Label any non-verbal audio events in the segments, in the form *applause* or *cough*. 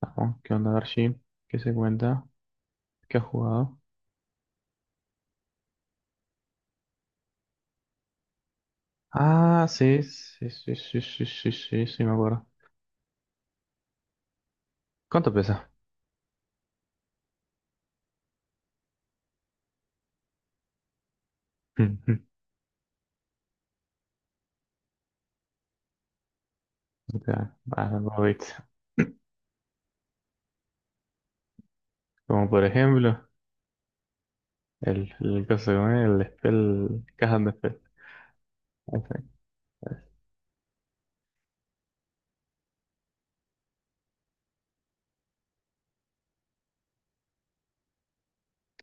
Vamos, ¿qué onda, Darcy? ¿Qué se cuenta? ¿Qué has jugado? Ah, sí, sí, sí, sí, sí, sí, sí, sí, me acuerdo. ¿Cuánto pesa? *laughs* O sea, ah, Rabbits. Como por ejemplo, el caso con el Spell, Caja de Spell. Perfecto,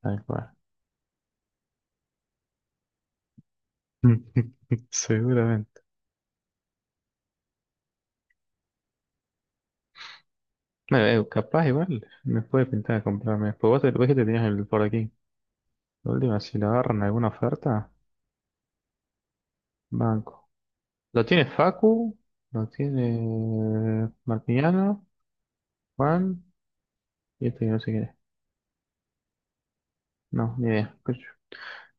tal cual. *laughs* Seguramente. Bueno, capaz igual me puede pintar de comprarme. Pues vos, vos que te tenías el por aquí. La última, si la agarran alguna oferta, banco. ¿Lo tiene Facu? ¿Lo tiene Martiniano? Juan. Y esto que no sé quién es. No, ni idea. Coño,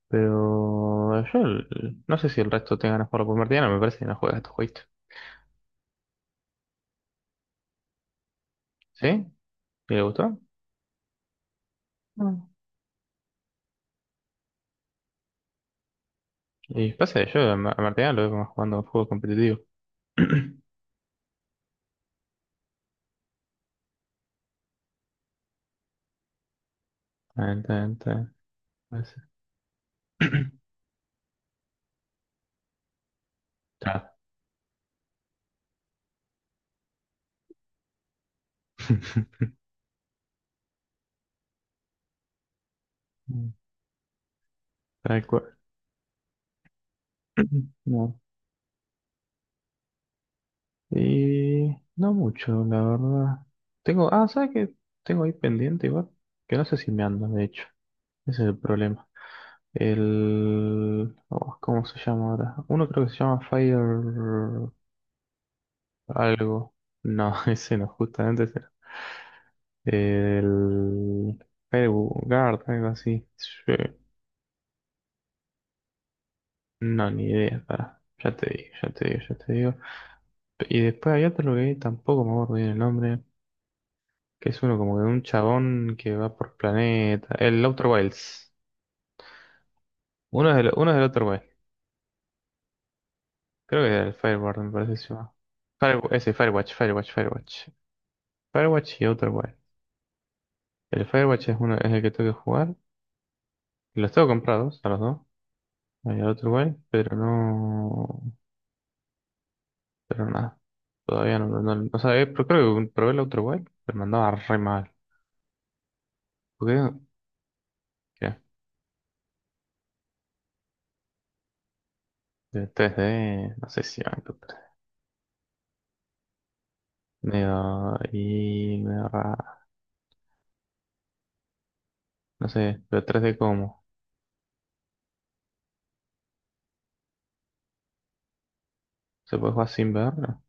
pero yo no sé si el resto tenga ganas de jugarlo, porque Martina me parece que no juega a estos jueguitos. ¿Sí? ¿Y le gustó? No. Y pasa que yo a a Martina lo veo más jugando a juego competitivo. *clears throat* Tan, tan, tan, así. *clears throat* Claro. *laughs* Mm. Tal cual. *clears throat* No. Y no mucho, la verdad. Tengo, ¿sabes qué? Tengo ahí pendiente igual, que no sé si me anda, de hecho. Ese es el problema. Oh, ¿cómo se llama ahora? Uno creo que se llama Fire algo. No, *laughs* ese no, justamente ese. No. El... Guard, algo así. Sí, no, ni idea, pará. Ya te digo, ya te digo, ya te digo. Y después hay otro que tampoco me acuerdo bien el nombre, que es uno como de un chabón que va por planeta. El Outer Wilds. Uno es del Outer Wilds. Creo que es el Fireguard, me parece que se llama. Ese, Firewatch. Firewatch y Outer Wilds. El Firewatch es, uno, es el que tengo que jugar. Los tengo comprados a los dos, ahí al otro igual, pero no. Pero nada. Todavía no. O sea, creo que probé el otro igual, pero me andaba re mal. Porque, ¿qué? De 3D, no sé si van. Medio. Y medio raro. No sé, pero tres d cómo. ¿Se puede jugar sin verlo?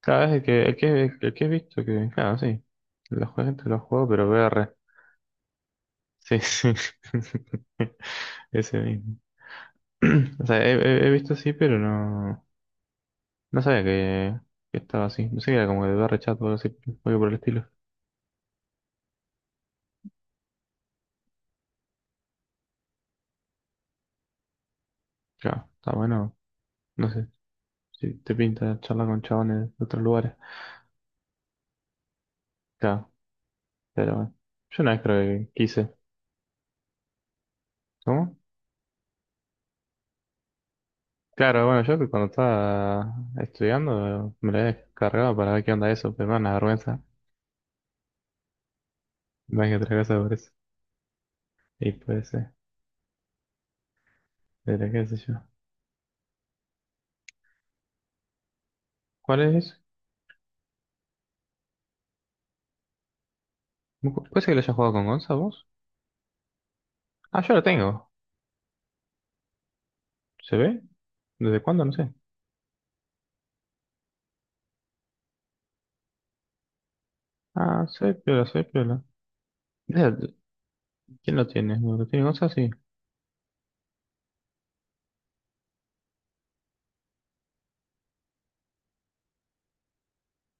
Claro, es el que, el que he visto que. Claro, sí. La gente lo juego, pero VR. Sí, sí. *laughs* Ese mismo. *clears throat* O sea, he visto así, pero no, no sabía que estaba así. No sé que era como de barra chat o algo así, algo por el estilo. Claro, está bueno. No sé, si te pinta charlar con chabones de otros lugares. Claro, pero bueno. Yo una vez creo que quise. ¿Cómo? Claro, bueno, yo que cuando estaba estudiando me la había descargado para ver qué onda eso, pero me da una vergüenza. Más que otra cosa por eso. Y puede ser, pero qué sé yo. ¿Cuál es? ¿Puede ser que lo hayas jugado con Gonza vos? Ah, yo lo tengo. ¿Se ve? ¿Desde cuándo? No sé. Ah, soy piola, soy piola. Mira, ¿quién lo tiene? ¿Lo tiene Gonza? Sí.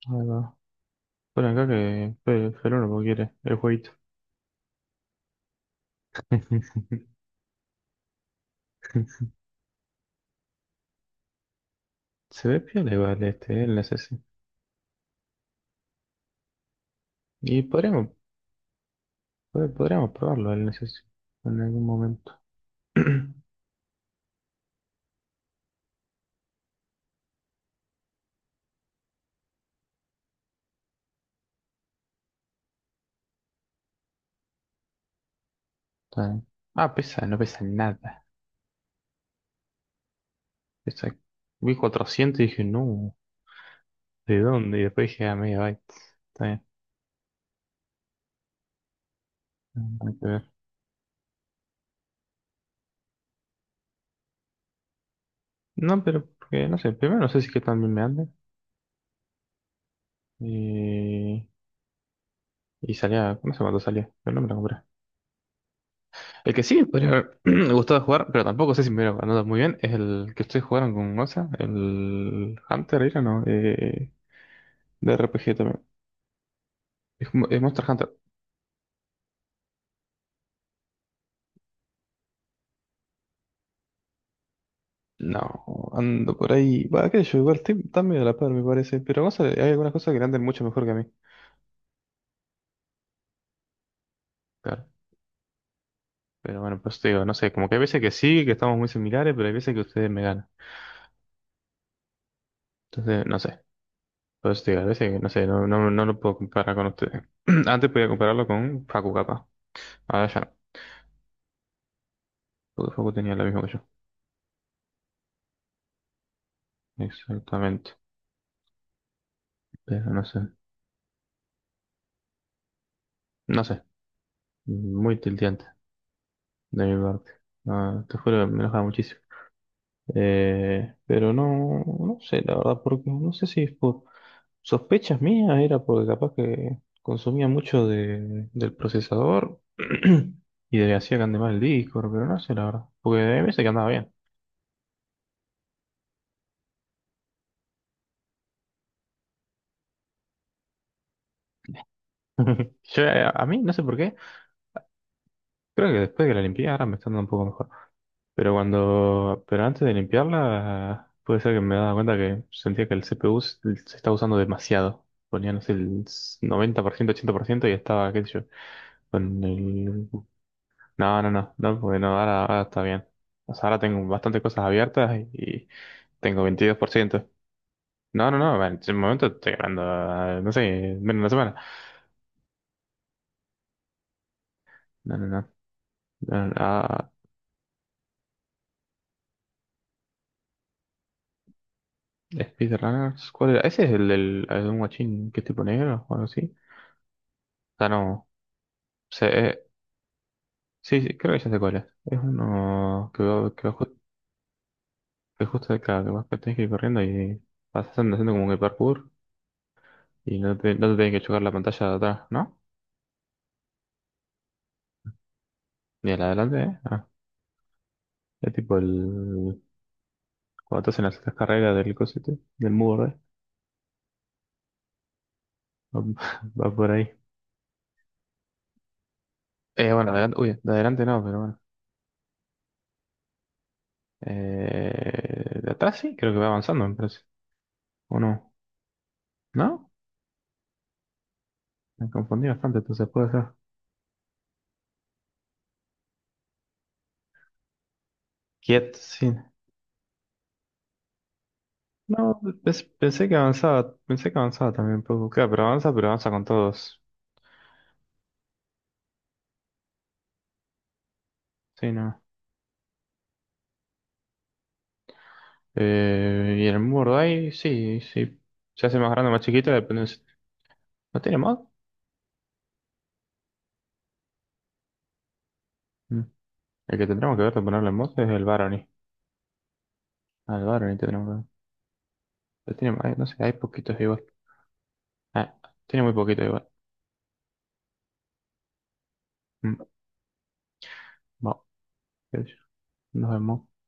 Ahí va. Pon acá que Feru lo quiere, el jueguito. *laughs* Se ve piola igual este, el NSS. Y podríamos, podríamos probarlo el NSS en algún momento. *clears throat* Está bien. Ah, pesa, no pesa nada. Pesa, vi 400 y dije, no, ¿de dónde? Y después dije, ah, megabyte. Está bien. Hay que ver. No, pero porque, no sé, primero no sé si que tan bien me ande. Y, y salía, no sé cuánto salía, pero no me lo compré. El que sí me podría haber *clears throat* me gustado jugar, pero tampoco sé si me hubiera ganado muy bien, es el que ustedes jugaron con Goza, el Hunter era, ¿no? De RPG también. Es Monster Hunter. No, ando por ahí. Va, qué yo, igual están medio a la par, me parece. Pero Goza, hay algunas cosas que le andan mucho mejor que a mí. Claro. Pero bueno, por eso te digo, no sé, como que hay veces que sí, que estamos muy similares, pero hay veces que ustedes me ganan. Entonces, no sé. Por eso te digo, a veces que no sé, no lo puedo comparar con ustedes. *clears throat* Antes podía compararlo con Facu, capaz. Ahora ya no, porque Facu tenía lo mismo que yo. Exactamente. Pero no sé. No sé. Muy tilteante de mi parte. No, te juro, que me enojaba muchísimo. Pero no, no sé, la verdad, porque no sé si es por sospechas mías, era porque capaz que consumía mucho de, del procesador *clears throat* y de, hacía que ande mal el disco, pero no sé, la verdad. Porque hay veces que andaba bien. Yo, a mí, no sé por qué, creo que después que la limpié ahora me está dando un poco mejor. Pero cuando, pero antes de limpiarla, puede ser que me daba cuenta que sentía que el CPU se estaba usando demasiado. Ponía, no sé, el 90%, 80% y estaba, qué sé yo, con el... No, no, no, no, porque no, ahora está bien. O sea, ahora tengo bastantes cosas abiertas y tengo 22%. No, no, no, bueno, en ese momento estoy ganando, no sé, menos de una semana. No, no, no. No, no, ah, Speedrunners, ¿cuál era? ¿Ese es el el de un guachín que es tipo negro o algo así? O sea, no. Sí, sí, creo que ya sé cuál es. Es uno que va, que justo acá, que vas que tenés que ir corriendo y vas haciendo como que parkour y no te tienen que chocar la pantalla de atrás, ¿no? Ni a la de adelante, ¿eh? Ah, es tipo el... cuando te hacen las carreras del cosete, del muro, ¿eh? Va, *laughs* va por ahí. Bueno, adelante, uy, de adelante no, pero bueno. De atrás sí, creo que va avanzando, me parece. ¿O no? ¿No? Me confundí bastante, entonces puede ser. Quiet, sí. No, pensé que avanzaba también un poco. Claro, pero avanza con todos. Sí, no. Y el Mordai, sí, sí. Se hace más grande o más chiquito, depende. ¿No tiene mod? Mm. El que tendremos que ver de ponerle mod es el Barony. Ah, el Barony tendremos que ver. Pero tiene, no sé, hay poquitos igual. Ah, tiene muy poquitos igual. Mm, bueno, qué sé yo. Nos vemos.